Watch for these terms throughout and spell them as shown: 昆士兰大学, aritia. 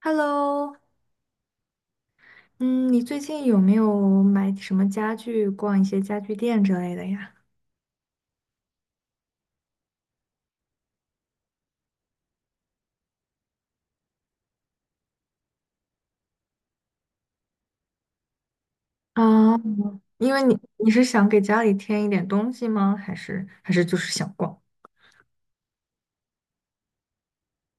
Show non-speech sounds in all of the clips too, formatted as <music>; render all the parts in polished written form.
Hello,嗯，你最近有没有买什么家具，逛一些家具店之类的呀？啊，因为你是想给家里添一点东西吗？还是就是想逛？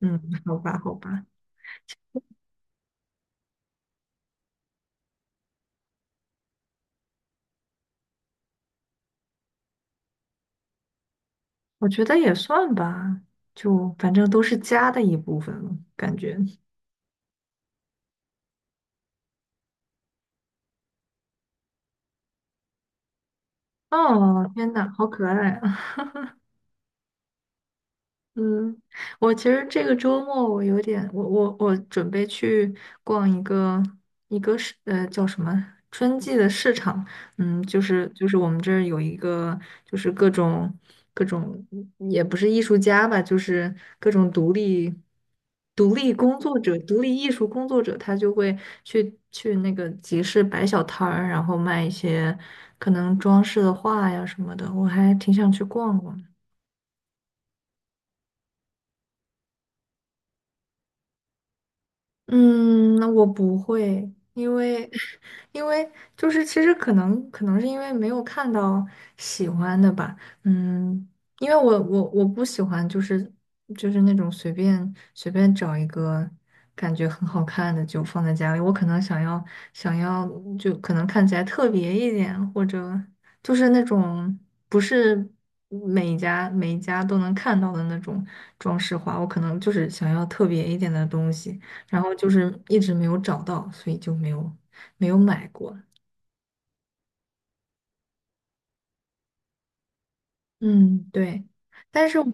嗯，好吧，好吧，我觉得也算吧，就反正都是家的一部分了，感觉。哦，天呐，好可爱！啊！嗯，我其实这个周末我有点，我准备去逛一个一个市，叫什么春季的市场，嗯，就是我们这儿有一个，就是各种,也不是艺术家吧，就是各种独立工作者、独立艺术工作者，他就会去那个集市摆小摊儿，然后卖一些可能装饰的画呀什么的，我还挺想去逛逛。嗯，那我不会，因为 <laughs> 因为就是其实可能是因为没有看到喜欢的吧，嗯，因为我不喜欢就是就是那种随便找一个感觉很好看的就放在家里，我可能想要想要就可能看起来特别一点，或者就是那种不是每一家都能看到的那种装饰画，我可能就是想要特别一点的东西。然后就是一直没有找到，所以就没有没有买过。嗯，对。但是我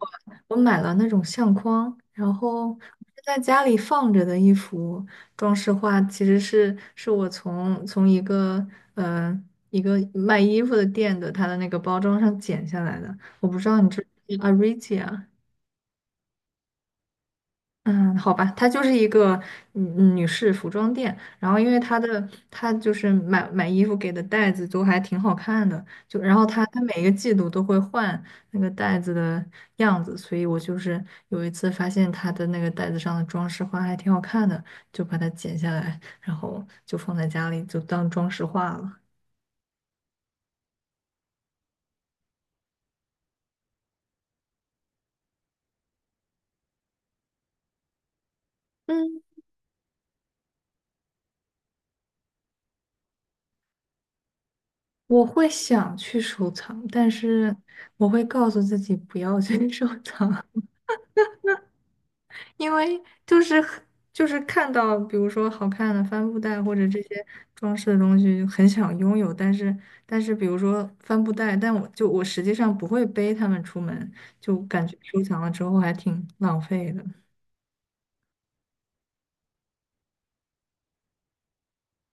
我买了那种相框，然后我是在家里放着的一幅装饰画，其实是我从一个呃一个卖衣服的店的它的那个包装上剪下来的。我不知道你这不知道 Aritia。 嗯，好吧，它就是一个女士服装店，然后因为它的它就是买衣服给的袋子都还挺好看的，就然后它它每个季度都会换那个袋子的样子，所以我就是有一次发现它的那个袋子上的装饰画还挺好看的，就把它剪下来，然后就放在家里就当装饰画了。嗯，我会想去收藏，但是我会告诉自己不要去 <laughs> 收藏。因为就是很就是看到，比如说好看的帆布袋或者这些装饰的东西，就很想拥有。但是但是，比如说帆布袋，但我就我实际上不会背它们出门，就感觉收藏了之后还挺浪费的。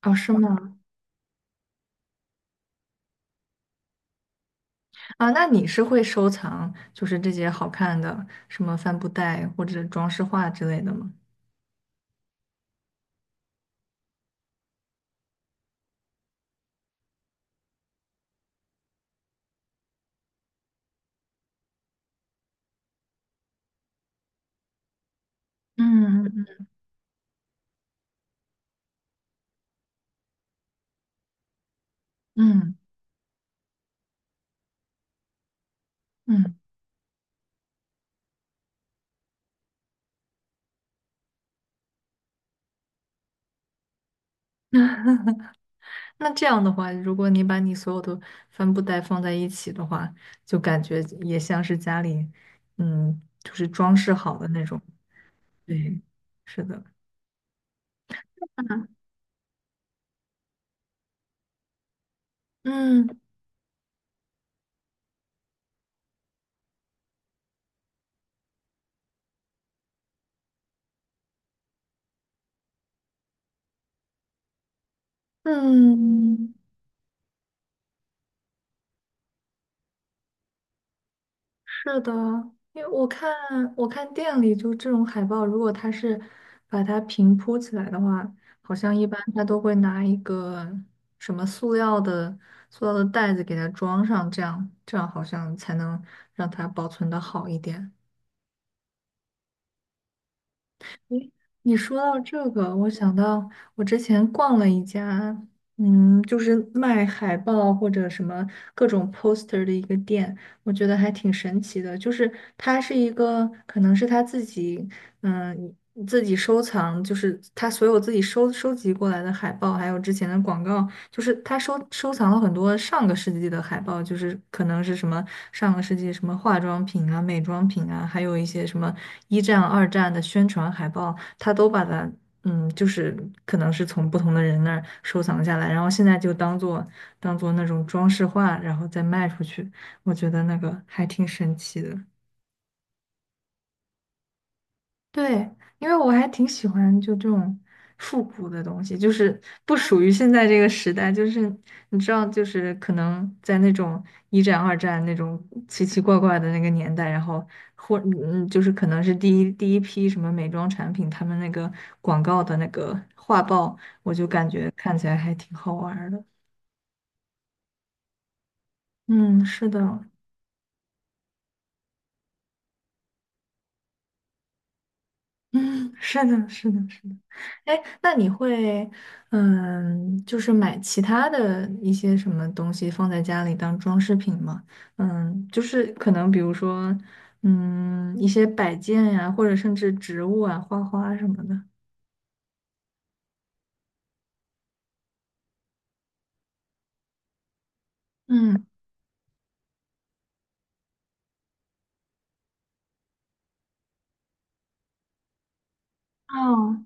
哦，是吗？啊，那你是会收藏就是这些好看的什么帆布袋或者装饰画之类的吗？嗯嗯嗯。嗯。那。那这样的话，如果你把你所有的帆布袋放在一起的话，就感觉也像是家里，嗯，就是装饰好的那种。对，是的，嗯嗯，是的，因为我看我看店里就这种海报，如果它是把它平铺起来的话，好像一般它都会拿一个什么塑料的塑料的袋子给它装上，这样好像才能让它保存的好一点。诶，你说到这个，我想到我之前逛了一家，嗯，就是卖海报或者什么各种 poster 的一个店，我觉得还挺神奇的。就是它是一个，可能是他自己，嗯，自己收藏，就是他所有自己收集过来的海报，还有之前的广告，就是他收藏了很多上个世纪的海报，就是可能是什么上个世纪什么化妆品啊、美妆品啊，还有一些什么一战、二战的宣传海报，他都把它，嗯，就是可能是从不同的人那儿收藏下来，然后现在就当做当做那种装饰画，然后再卖出去。我觉得那个还挺神奇的。对，因为我还挺喜欢就这种复古的东西，就是不属于现在这个时代，就是你知道，就是可能在那种一战、二战那种奇奇怪怪的那个年代，或,就是可能是第一批什么美妆产品，他们那个广告的那个画报，我就感觉看起来还挺好玩儿的。嗯，是的。<laughs> 嗯，是的，是的，是的。哎，那你会，嗯，就是买其他的一些什么东西放在家里当装饰品吗？嗯，就是可能比如说，嗯，一些摆件呀，或者甚至植物啊、花花什么的。嗯，哦，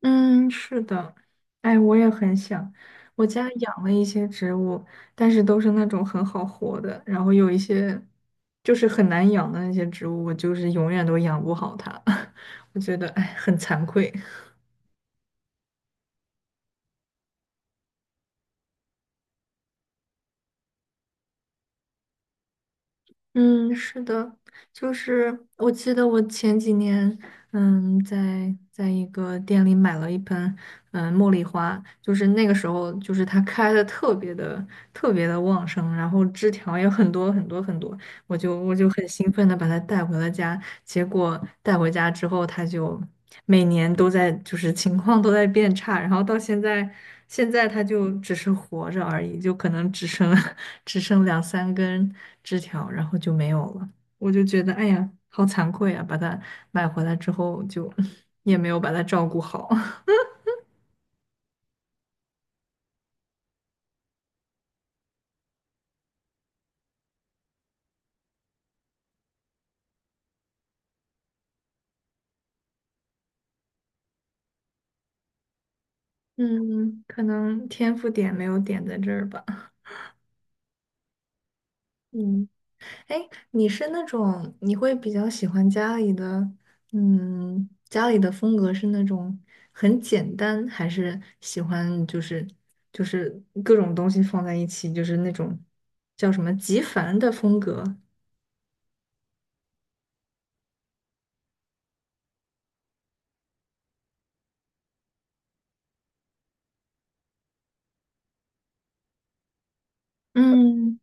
嗯，是的，哎，我也很想。我家养了一些植物，但是都是那种很好活的，然后有一些就是很难养的那些植物，我就是永远都养不好它。<laughs> 我觉得，哎，很惭愧。嗯，是的，就是我记得我前几年，嗯，在一个店里买了一盆，嗯，茉莉花，就是那个时候，就是它开的特别的旺盛，然后枝条也很多。我就很兴奋的把它带回了家，结果带回家之后，它就每年都在就是情况都在变差，然后到现在，现在它就只是活着而已，就可能只剩 <laughs> 只剩两三根枝条，然后就没有了。我就觉得哎呀，好惭愧啊，把它买回来之后就 <laughs> 也没有把它照顾好，<laughs> 嗯，可能天赋点没有点在这儿吧。嗯，哎，你是那种你会比较喜欢家里的，嗯，家里的风格是那种很简单，还是喜欢就是就是各种东西放在一起，就是那种叫什么极繁的风格？嗯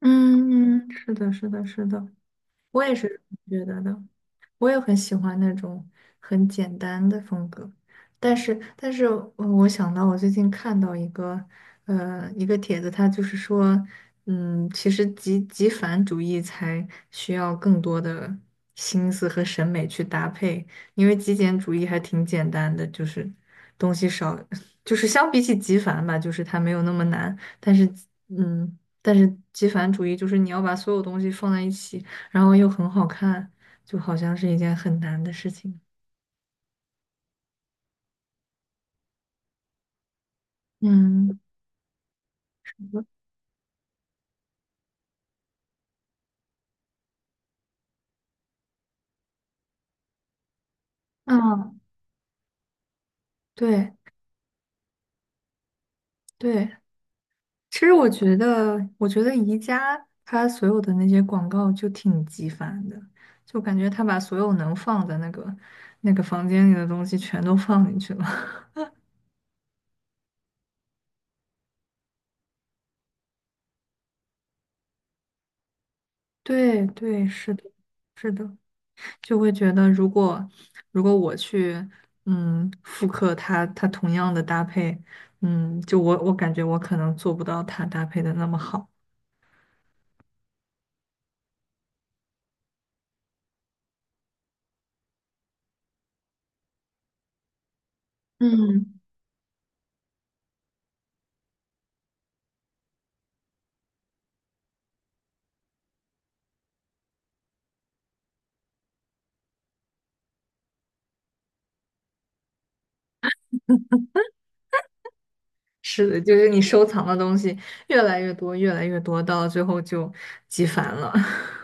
嗯，是的，是的，是的。我也是这么觉得的，我也很喜欢那种很简单的风格，但是，但是我想到我最近看到一个，一个帖子，他就是说，嗯，其实极繁主义才需要更多的心思和审美去搭配，因为极简主义还挺简单的，就是东西少，<laughs> 就是相比起极繁吧，就是它没有那么难，但是，嗯，但是极繁主义就是你要把所有东西放在一起。然后又很好看，就好像是一件很难的事情。嗯嗯，对对，其实我觉得，我觉得宜家它所有的那些广告就挺极繁的，就感觉它把所有能放在那个那个房间里的东西全都放进去了。<laughs> 对对，是的，是的，就会觉得如果如果我去嗯复刻它它同样的搭配，嗯，就我我感觉我可能做不到它搭配的那么好。嗯，<laughs> 是的，就是你收藏的东西越来越多，越来越多，到最后就极烦了。<laughs>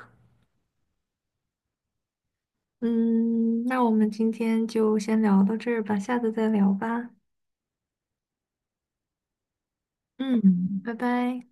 嗯，那我们今天就先聊到这儿吧，下次再聊吧。嗯，拜拜。